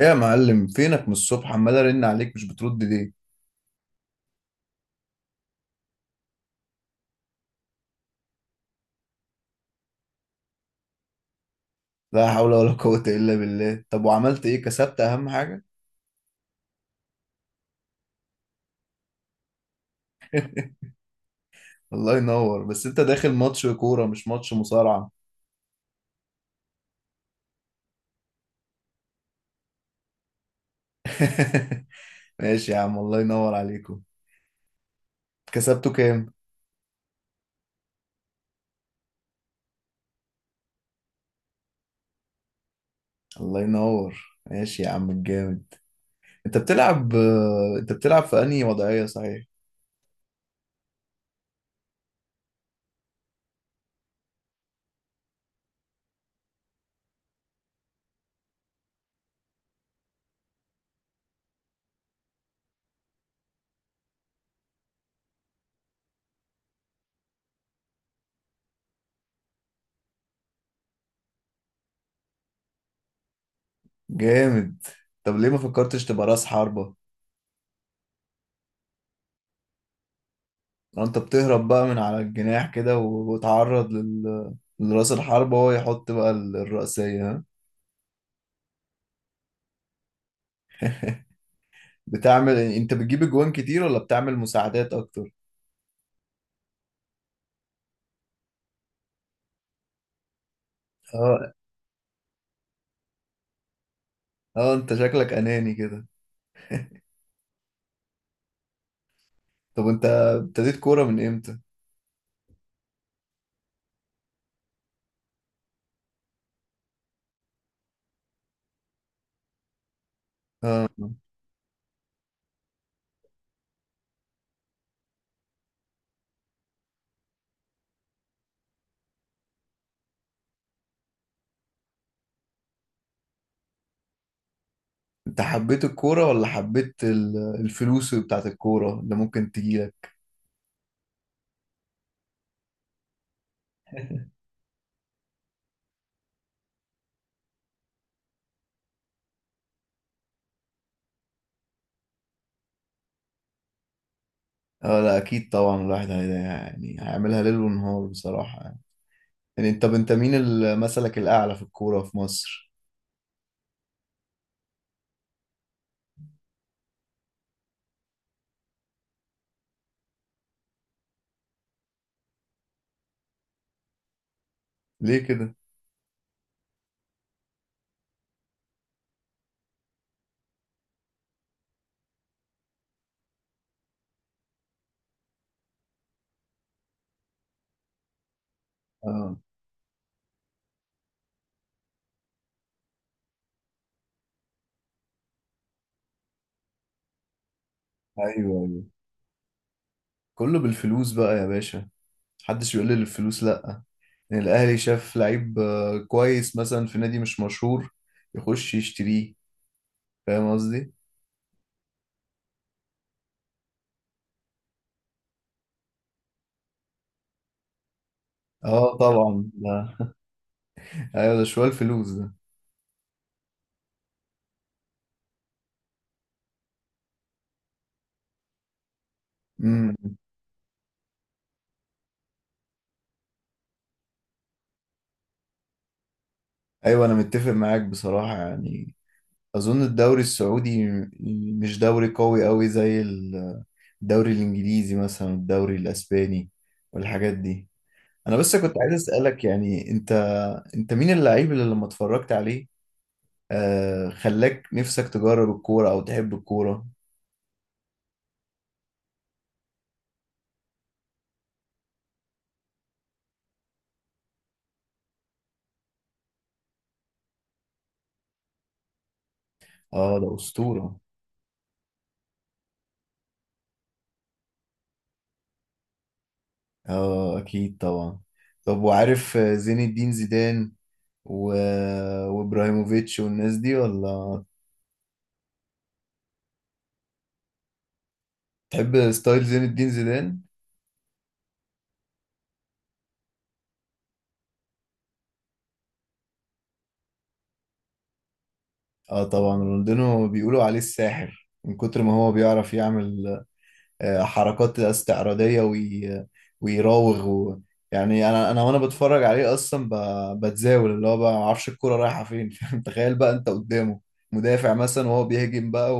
ايه يا معلم، فينك من الصبح عمال ارن عليك مش بترد ليه؟ لا حول ولا قوة الا بالله. طب وعملت ايه؟ كسبت اهم حاجة؟ الله ينور. بس انت داخل ماتش كورة مش ماتش مصارعة. ماشي يا عم، الله ينور عليكم. كسبته كام؟ الله ينور، ماشي يا عم الجامد. انت بتلعب، انت بتلعب في انهي وضعية صحيح؟ جامد. طب ليه ما فكرتش تبقى راس حربة؟ انت بتهرب بقى من على الجناح كده وتعرض لل... لراس الحربة وهو يحط بقى الرأسية، ها. بتعمل، انت بتجيب اجوان كتير ولا بتعمل مساعدات اكتر؟ اه. اه، انت شكلك اناني كده. طب انت ابتديت كورة من امتى؟ انت حبيت الكورة ولا حبيت الفلوس بتاعت الكورة اللي ممكن تجيلك؟ اه لا اكيد طبعا، الواحد يعني هيعملها ليل ونهار بصراحة يعني، يعني انت، مين مثلك الاعلى في الكورة في مصر؟ ليه كده؟ اه. ايوه ايوه، كله بالفلوس بقى يا باشا. محدش يقول لي الفلوس لا. ان الاهلي شاف لعيب كويس مثلا في نادي مش مشهور، يخش يشتريه. فاهم قصدي. اه طبعا ده. ايوه ده شوية الفلوس ده. امم. ايوه انا متفق معاك بصراحة يعني. اظن الدوري السعودي مش دوري قوي قوي زي الدوري الانجليزي مثلا، الدوري الاسباني، والحاجات دي. انا بس كنت عايز اسالك، يعني انت، مين اللعيب اللي لما اتفرجت عليه خلاك نفسك تجرب الكورة او تحب الكورة؟ اه ده اسطورة. اه اكيد طبعا. طب وعارف زين الدين زيدان و... وابراهيموفيتش والناس دي ولا؟ تحب ستايل زين الدين زيدان؟ اه طبعا، رونالدينو بيقولوا عليه الساحر من كتر ما هو بيعرف يعمل حركات استعراضية ويراوغ و... يعني انا وانا بتفرج عليه اصلا بتزاول، اللي هو بقى ما اعرفش الكرة رايحة فين. فاهم؟ تخيل بقى انت قدامه مدافع مثلا وهو بيهجم بقى،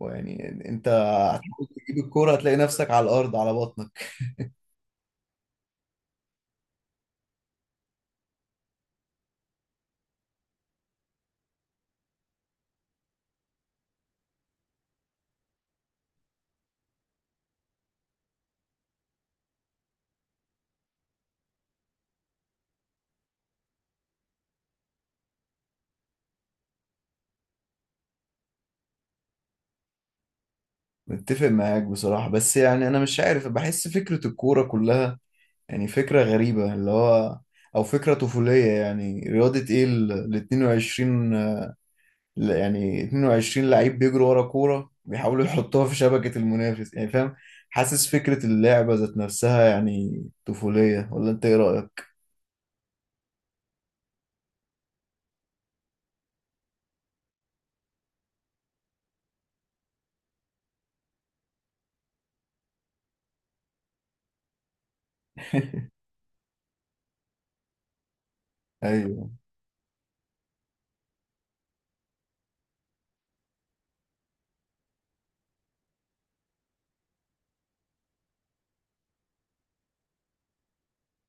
ويعني انت هتحاول تجيب الكوره، هتلاقي نفسك على الارض على بطنك. متفق معاك بصراحه، بس يعني انا مش عارف، بحس فكره الكوره كلها يعني فكره غريبه، اللي هو او فكره طفوليه يعني. رياضه ايه؟ ال 22، يعني 22 لعيب بيجروا ورا كوره بيحاولوا يحطوها في شبكه المنافس، يعني فاهم، حاسس فكره اللعبه ذات نفسها يعني طفوليه. ولا انت ايه رايك؟ ايوه،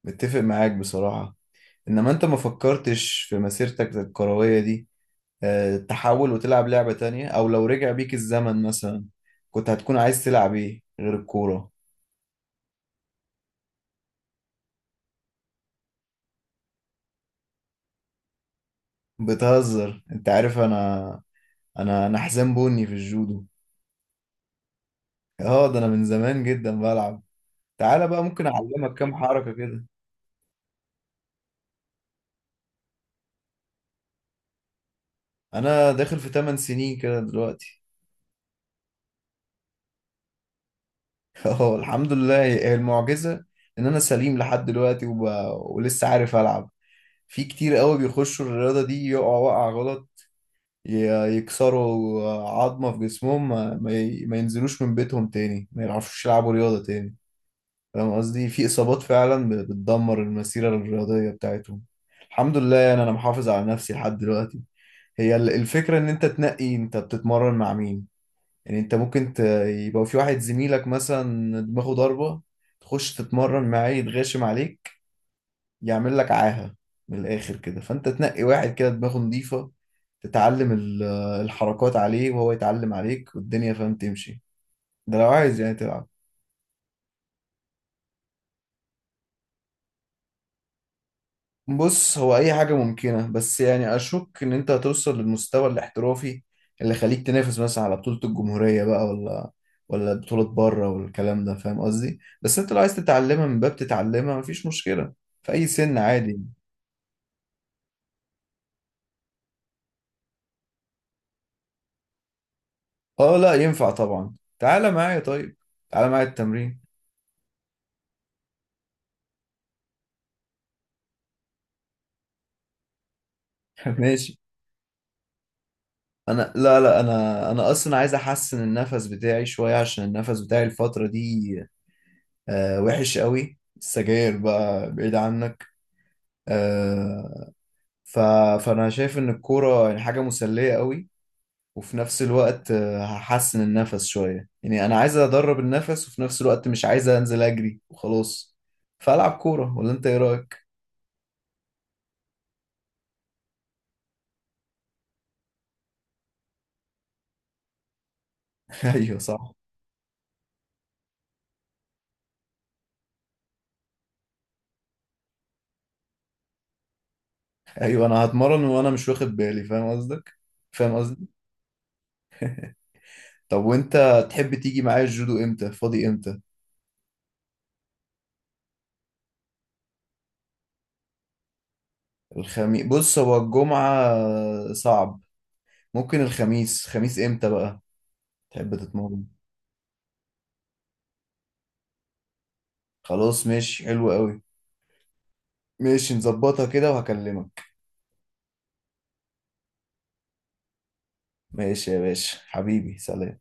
متفق معاك بصراحه. انما انت ما فكرتش في مسيرتك الكروية دي تحول وتلعب لعبة تانية؟ او لو رجع بيك الزمن مثلا كنت هتكون عايز تلعب ايه غير الكورة؟ بتهزر؟ انت عارف انا، انا حزام بني في الجودو. اه، ده انا من زمان جدا بلعب. تعالى بقى ممكن اعلمك كام حركة كده. انا داخل في 8 سنين كده دلوقتي. اه الحمد لله، هي المعجزة ان انا سليم لحد دلوقتي ولسه عارف العب. في كتير قوي بيخشوا الرياضة دي يقعوا وقع غلط، يكسروا عظمة في جسمهم، ما ما ينزلوش من بيتهم تاني، ما يعرفوش يلعبوا رياضة تاني. فاهم قصدي، في إصابات فعلا بتدمر المسيرة الرياضية بتاعتهم. الحمد لله يعني أنا محافظ على نفسي لحد دلوقتي. هي الفكرة إن أنت تنقي أنت بتتمرن مع مين. يعني أنت ممكن يبقى في واحد زميلك مثلا دماغه ضربة، تخش تتمرن معاه يتغشم عليك، يعمل لك عاهة من الآخر كده. فأنت تنقي واحد كده دماغه نظيفة، تتعلم الحركات عليه وهو يتعلم عليك، والدنيا فاهم تمشي. ده لو عايز يعني تلعب. بص هو أي حاجة ممكنة، بس يعني أشك إن أنت هتوصل للمستوى الاحترافي اللي يخليك تنافس مثلا على بطولة الجمهورية بقى، ولا بطولة بره والكلام ده، فاهم قصدي. بس أنت لو عايز تتعلمها من باب تتعلمها مفيش مشكلة في أي سن، عادي. اه لا ينفع طبعا، تعالى معايا طيب، تعالى معايا التمرين. ماشي. انا لا لا، انا، اصلا عايز احسن النفس بتاعي شويه، عشان النفس بتاعي الفتره دي وحش قوي، السجاير بقى بعيد عنك. آه، ف فانا شايف ان الكوره يعني حاجه مسليه قوي، وفي نفس الوقت هحسن النفس شويه. يعني انا عايز ادرب النفس وفي نفس الوقت مش عايز انزل اجري وخلاص، فالعب كوره. ولا انت ايه رايك؟ ايوه صح. ايوه انا هتمرن وانا مش واخد بالي، فاهم قصدك، فاهم قصدي. طب وانت تحب تيجي معايا الجودو امتى؟ فاضي امتى؟ الخميس، بص هو الجمعة صعب، ممكن الخميس. خميس امتى بقى تحب تتمرن؟ خلاص ماشي، حلو قوي. ماشي نظبطها كده وهكلمك. ماشي يا باشا حبيبي، سلام.